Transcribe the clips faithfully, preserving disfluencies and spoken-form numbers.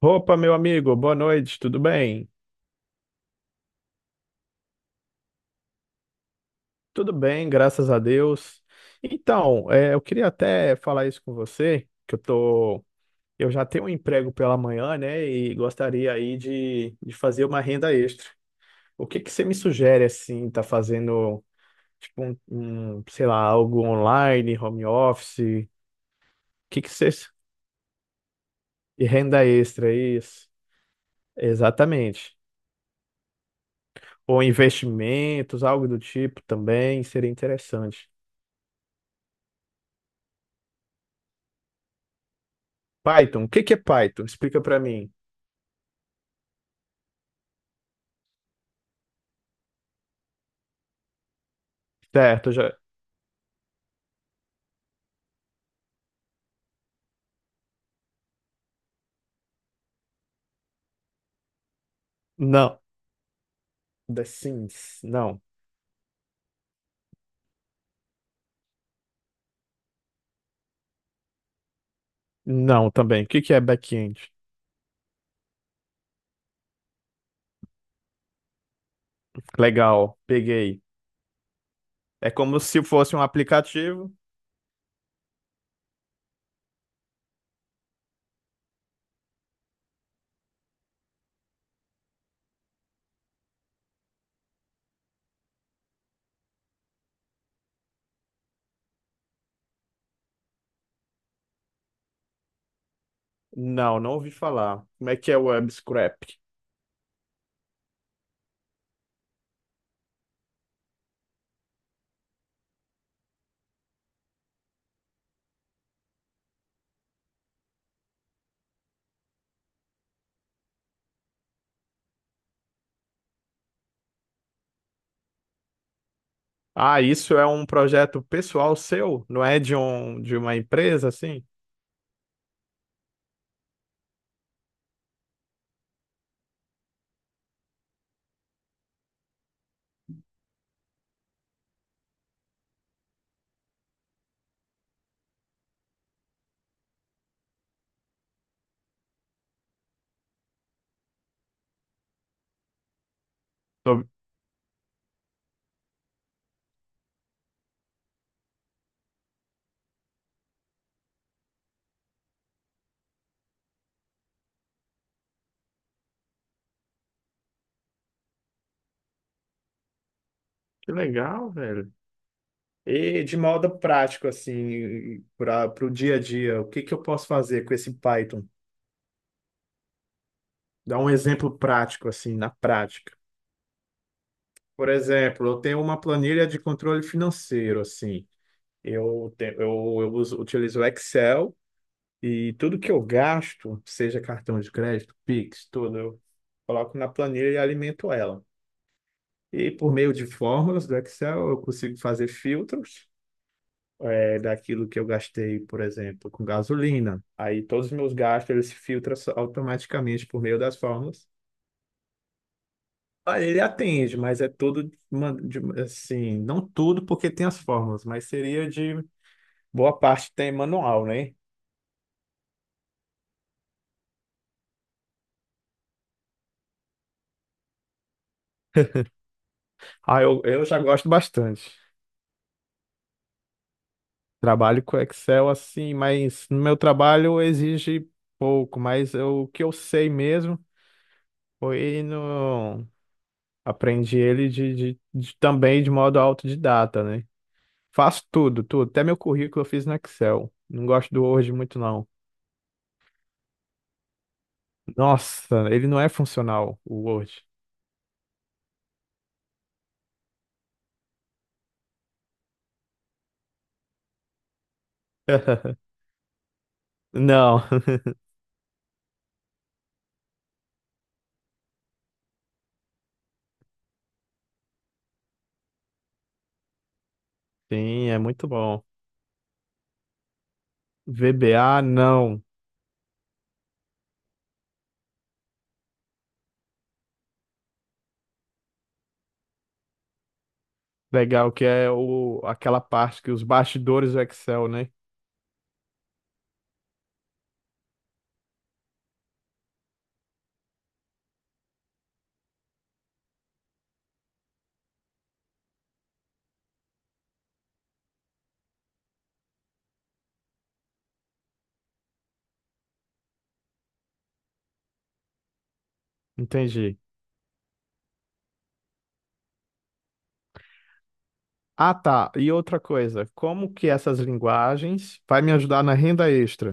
Opa, meu amigo, boa noite, tudo bem? Tudo bem, graças a Deus. Então, é, eu queria até falar isso com você, que eu tô, eu já tenho um emprego pela manhã, né, e gostaria aí de, de fazer uma renda extra. O que que você me sugere, assim, tá fazendo, tipo, um, um, sei lá, algo online, home office, o que que você, e renda extra, isso? Exatamente. Ou investimentos, algo do tipo também, seria interessante. Python, o que que é Python? Explica pra mim. Certo, já. Não. The Sims. Não. Não, também. O que que é back-end? Legal, peguei. É como se fosse um aplicativo? Não, não ouvi falar. Como é que é o Web Scrap? Ah, isso é um projeto pessoal seu? Não é de um de uma empresa assim? Tô- Que legal, velho. E de modo prático assim, para o dia a dia, o que que eu posso fazer com esse Python? Dá um exemplo prático assim, na prática. Por exemplo, eu tenho uma planilha de controle financeiro, assim. Eu, te- eu, eu uso, utilizo o Excel e tudo que eu gasto, seja cartão de crédito, Pix, tudo, eu coloco na planilha e alimento ela. E por meio de fórmulas do Excel, eu consigo fazer filtros eh, daquilo que eu gastei, por exemplo, com gasolina. Aí todos os meus gastos, eles se filtram automaticamente por meio das fórmulas. Olha, ele atende, mas é tudo de man- de- assim, não tudo porque tem as fórmulas, mas seria de boa parte tem manual, né? Ah, eu, eu já gosto bastante. Trabalho com Excel assim, mas no meu trabalho exige pouco, mas eu- o que eu sei mesmo foi no aprendi ele de, de- de- também de modo autodidata, né? Faço tudo, tudo, até meu currículo eu fiz no Excel. Não gosto do Word muito não. Nossa, ele não é funcional, o Word. Não, sim, é muito bom. V B A, não. Legal, que é o, aquela parte que os bastidores do Excel, né? Entendi. Ah, tá. E outra coisa, como que essas linguagens vai me ajudar na renda extra?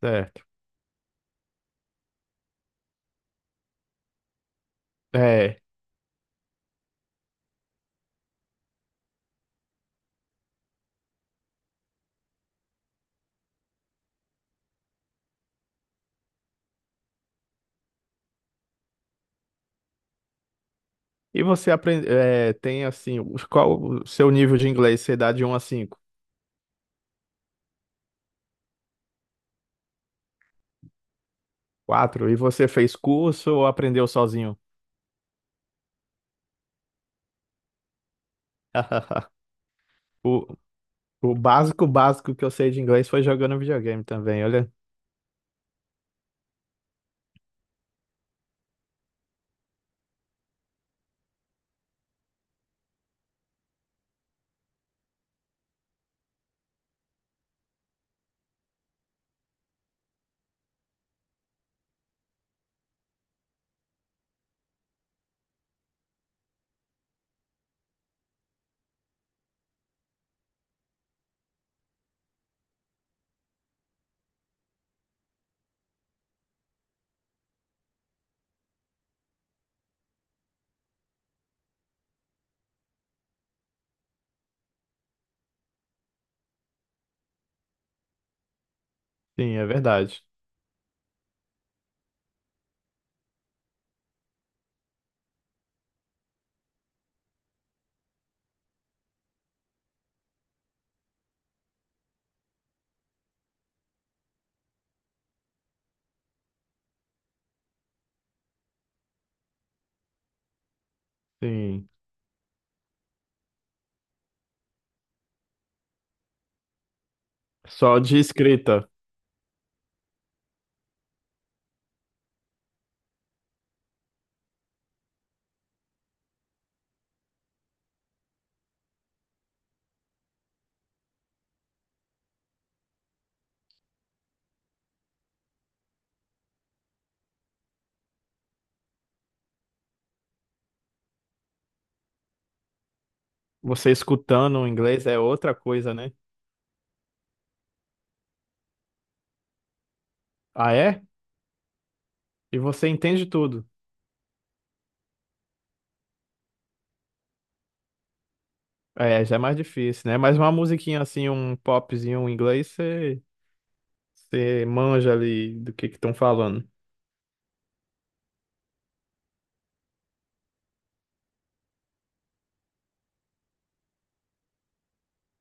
Certo. É. E você aprende, é, tem assim, os- qual o seu nível de inglês? Você dá de um a cinco? Quatro. E você fez curso ou aprendeu sozinho? O, o básico, básico que eu sei de inglês foi jogando videogame também, olha. Sim, é verdade. Sim. Só de escrita. Você escutando o inglês é outra coisa, né? Ah, é? E você entende tudo. É, já é mais difícil, né? Mas uma musiquinha assim, um popzinho em inglês, você, você manja ali do que que estão falando.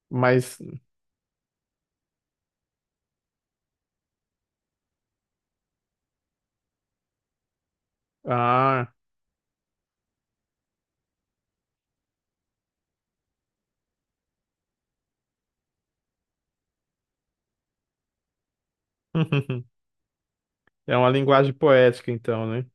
Mas, ah, é uma linguagem poética então, né?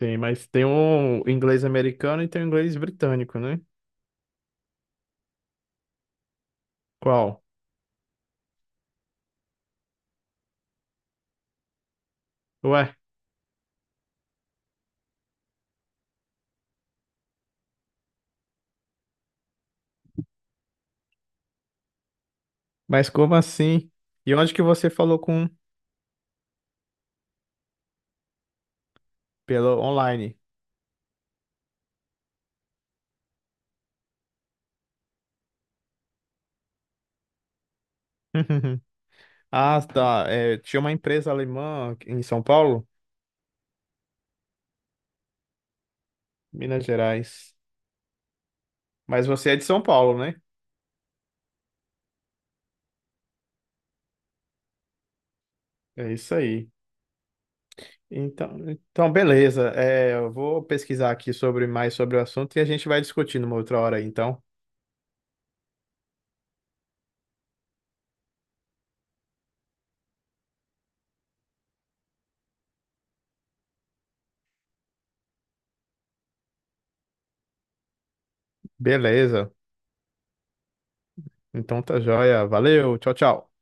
Sim, mas tem um inglês americano e tem um inglês britânico, né? Qual? Ué, mas como assim? E onde que você falou com? Pelo online. Ah, tá. É, tinha uma empresa alemã em São Paulo, Minas Gerais. Mas você é de São Paulo, né? É isso aí. Então, então beleza. É, eu vou pesquisar aqui sobre mais sobre o assunto e a gente vai discutindo uma outra hora, então. Beleza. Então tá joia. Valeu. Tchau, tchau.